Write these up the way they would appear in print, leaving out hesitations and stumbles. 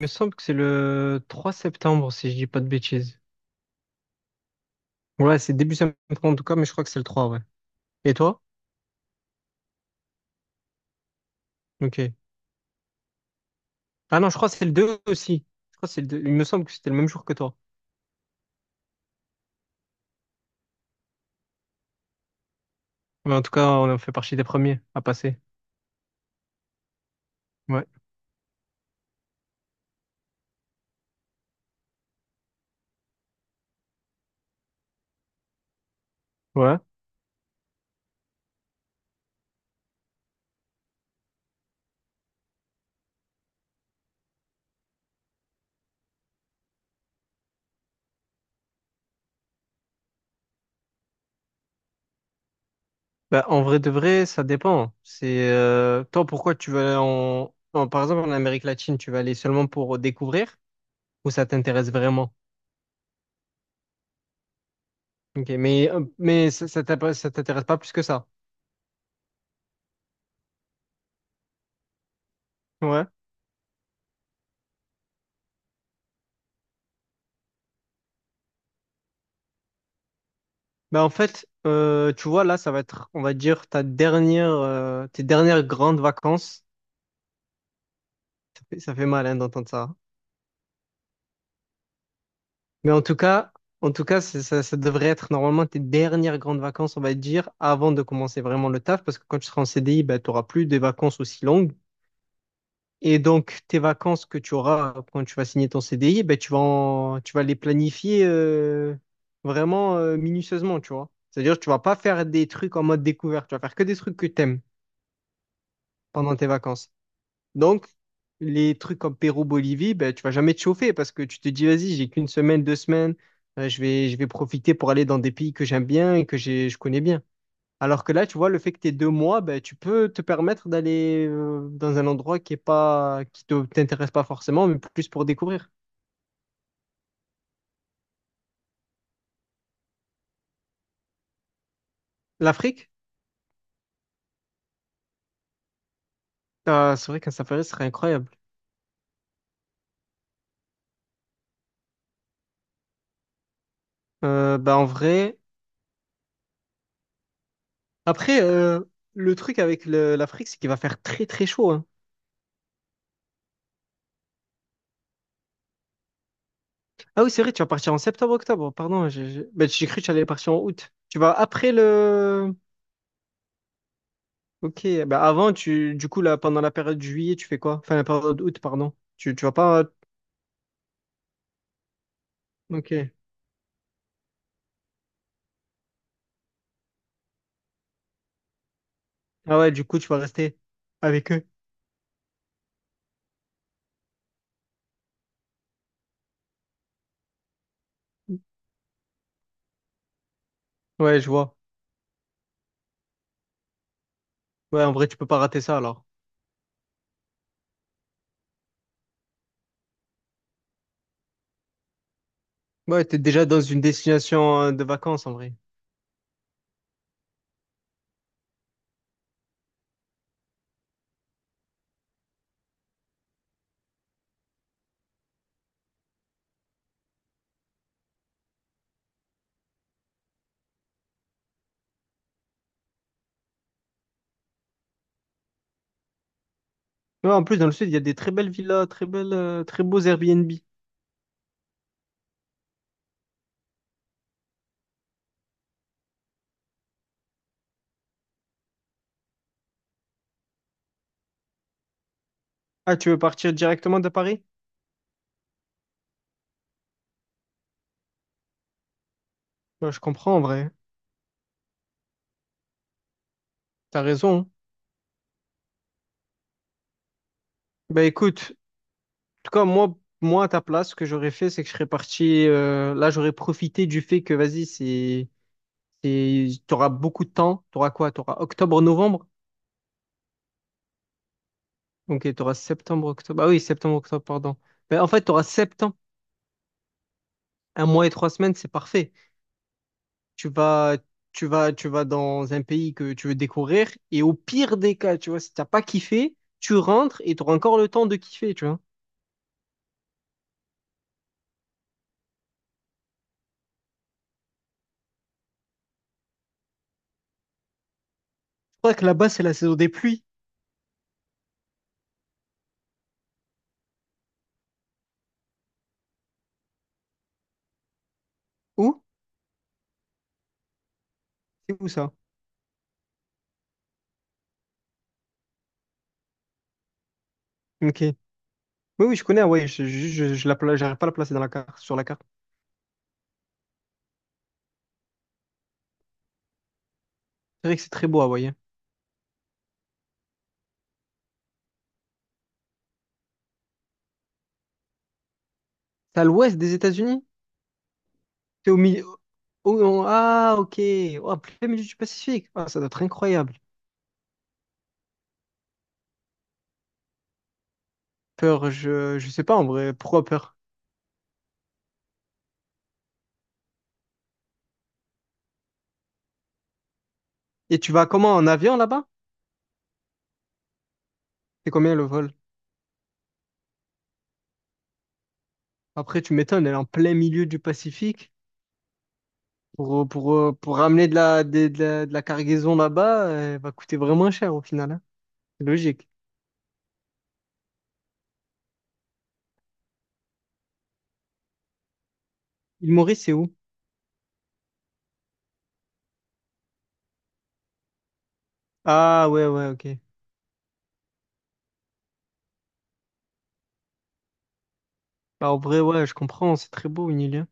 Il me semble que c'est le 3 septembre, si je dis pas de bêtises. Ouais, c'est début septembre en tout cas, mais je crois que c'est le 3, ouais. Et toi? Ok. Ah non, je crois que c'est le 2 aussi. Je crois que c'est le 2. Il me semble que c'était le même jour que toi. Mais en tout cas, on a fait partie des premiers à passer. Ouais. Ouais. Bah, en vrai de vrai, ça dépend. C'est Toi, pourquoi tu veux. Par exemple, en Amérique latine, tu vas aller seulement pour découvrir ou ça t'intéresse vraiment? Ok, mais ça, ça t'intéresse pas plus que ça. Ouais. Bah en fait, tu vois, là, ça va être, on va dire, tes dernières grandes vacances. Ça fait mal, hein, d'entendre ça. Mais en tout cas, ça devrait être normalement tes dernières grandes vacances, on va dire, avant de commencer vraiment le taf, parce que quand tu seras en CDI, bah, tu n'auras plus de vacances aussi longues. Et donc, tes vacances que tu auras quand tu vas signer ton CDI, bah, tu vas les planifier vraiment minutieusement, tu vois. C'est-à-dire, tu vas pas faire des trucs en mode découverte, tu vas faire que des trucs que tu aimes pendant tes vacances. Donc, les trucs comme Pérou-Bolivie, ben, tu vas jamais te chauffer parce que tu te dis, vas-y, j'ai qu'une semaine, 2 semaines, je vais profiter pour aller dans des pays que j'aime bien et que je connais bien. Alors que là, tu vois, le fait que tu aies 2 mois, ben, tu peux te permettre d'aller dans un endroit qui est pas, qui te, t'intéresse pas forcément, mais plus pour découvrir. L'Afrique, ah, c'est vrai qu'un safari serait incroyable. Ben, en vrai, après, le truc avec l'Afrique, c'est qu'il va faire très très chaud, hein. Ah oui, c'est vrai, tu vas partir en septembre-octobre. Pardon, ben, j'ai cru que tu allais partir en août. Tu vas après le... Ok, ben avant, tu... du coup, là, pendant la période juillet, tu fais quoi? Enfin, la période août, pardon. Tu vas pas... Ok. Ah ouais, du coup, tu vas rester avec eux. Ouais, je vois. Ouais, en vrai, tu peux pas rater ça, alors. Ouais, t'es déjà dans une destination de vacances, en vrai. Ouais, en plus, dans le sud, il y a des très belles villas, très beaux Airbnb. Ah, tu veux partir directement de Paris? Ben, je comprends, en vrai. T'as raison. Ben écoute, tout cas, moi, à ta place, ce que j'aurais fait, c'est que je serais parti. Là, j'aurais profité du fait que, vas-y, c'est, t'auras beaucoup de temps. T'auras quoi? T'auras octobre, novembre. Ok, t'auras septembre, octobre. Ah oui, septembre, octobre, pardon. Mais en fait, t'auras septembre. Un mois et 3 semaines, c'est parfait. Tu vas, tu vas dans un pays que tu veux découvrir. Et au pire des cas, tu vois, si t'as pas kiffé, tu rentres et t'auras encore le temps de kiffer, tu vois. Je crois que là-bas, c'est la saison des pluies. Où? C'est où ça? Ok. Oui, oui, je connais Hawaï. J'arrive pas à la placer sur la carte. C'est vrai que c'est très beau, Hawaï, hein. C'est à l'ouest des États-Unis? C'est au milieu. Oh, oh, ah, ok. Oh, plein milieu du Pacifique. Ah, ça doit être incroyable. Peur, je sais pas en vrai. Pourquoi peur? Et tu vas comment en avion là-bas? C'est combien le vol? Après, tu m'étonnes, elle est en plein milieu du Pacifique. Pour ramener de la, des- de la cargaison là-bas, elle va coûter vraiment cher au final, hein. C'est logique. Île Maurice, c'est où? Ah, ouais, ouais, ok. Bah, en vrai, ouais, je comprends. C'est très beau, une île, hein.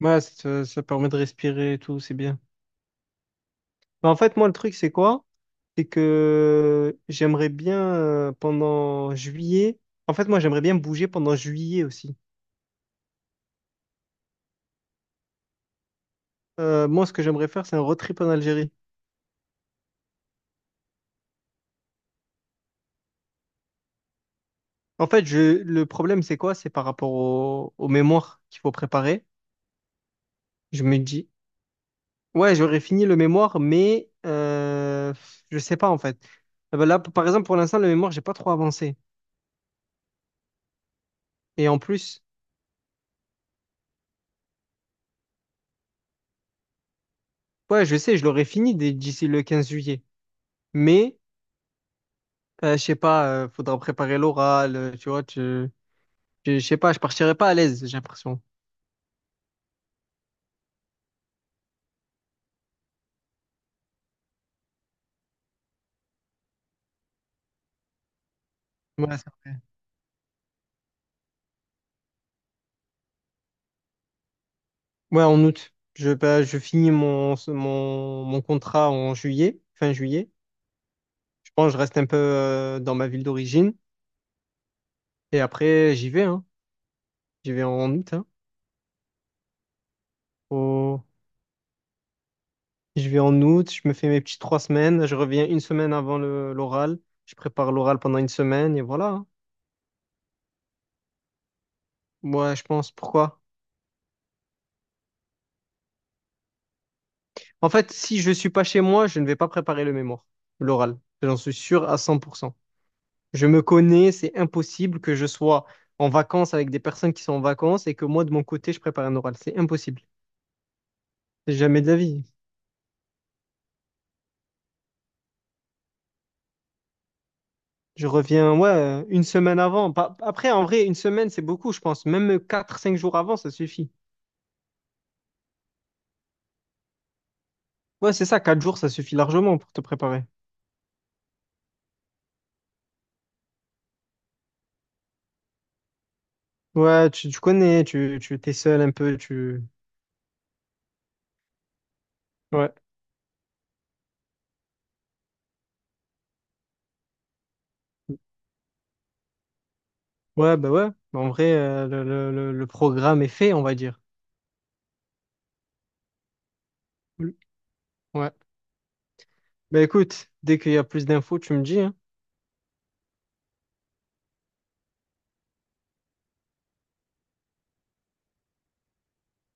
Ouais, ça permet de respirer et tout, c'est bien. Mais en fait, moi, le truc, c'est quoi? C'est que j'aimerais bien pendant juillet. En fait, moi, j'aimerais bien bouger pendant juillet aussi. Moi, ce que j'aimerais faire, c'est un road trip en Algérie. En fait, le problème, c'est quoi? C'est par rapport au mémoire qu'il faut préparer. Je me dis, ouais, j'aurais fini le mémoire, mais je sais pas, en fait. Eh ben là, par exemple, pour l'instant, le mémoire, j'ai pas trop avancé. Et en plus, ouais, je sais, je l'aurais fini d'ici le 15 juillet. Mais je sais pas, faudra préparer l'oral, tu vois, tu, je sais pas, je partirai pas à l'aise, j'ai l'impression. Ouais, c'est vrai. Ouais, en août. Bah, je finis mon contrat en juillet, fin juillet. Je pense que je reste un peu dans ma ville d'origine. Et après, j'y vais, hein. J'y vais en août, hein. Au- Je vais en août, je me fais mes petites 3 semaines. Je reviens une semaine avant l'oral. Je prépare l'oral pendant une semaine et voilà, hein. Moi, je pense, pourquoi? En fait, si je suis pas chez moi, je ne vais pas préparer le mémoire, l'oral. J'en suis sûr à 100%. Je me connais, c'est impossible que je sois en vacances avec des personnes qui sont en vacances et que moi, de mon côté, je prépare un oral. C'est impossible. C'est jamais de la vie. Je reviens, ouais, une semaine avant. Après, en vrai, une semaine, c'est beaucoup, je pense. Même quatre, cinq jours avant, ça suffit. Ouais, c'est ça, quatre jours, ça suffit largement pour te préparer. Ouais, tu connais, tu t'es seul un peu, tu... Ouais. Ouais. Bah, en vrai, le programme est fait, on va dire. Ouais. Bah écoute, dès qu'il y a plus d'infos, tu me dis, hein.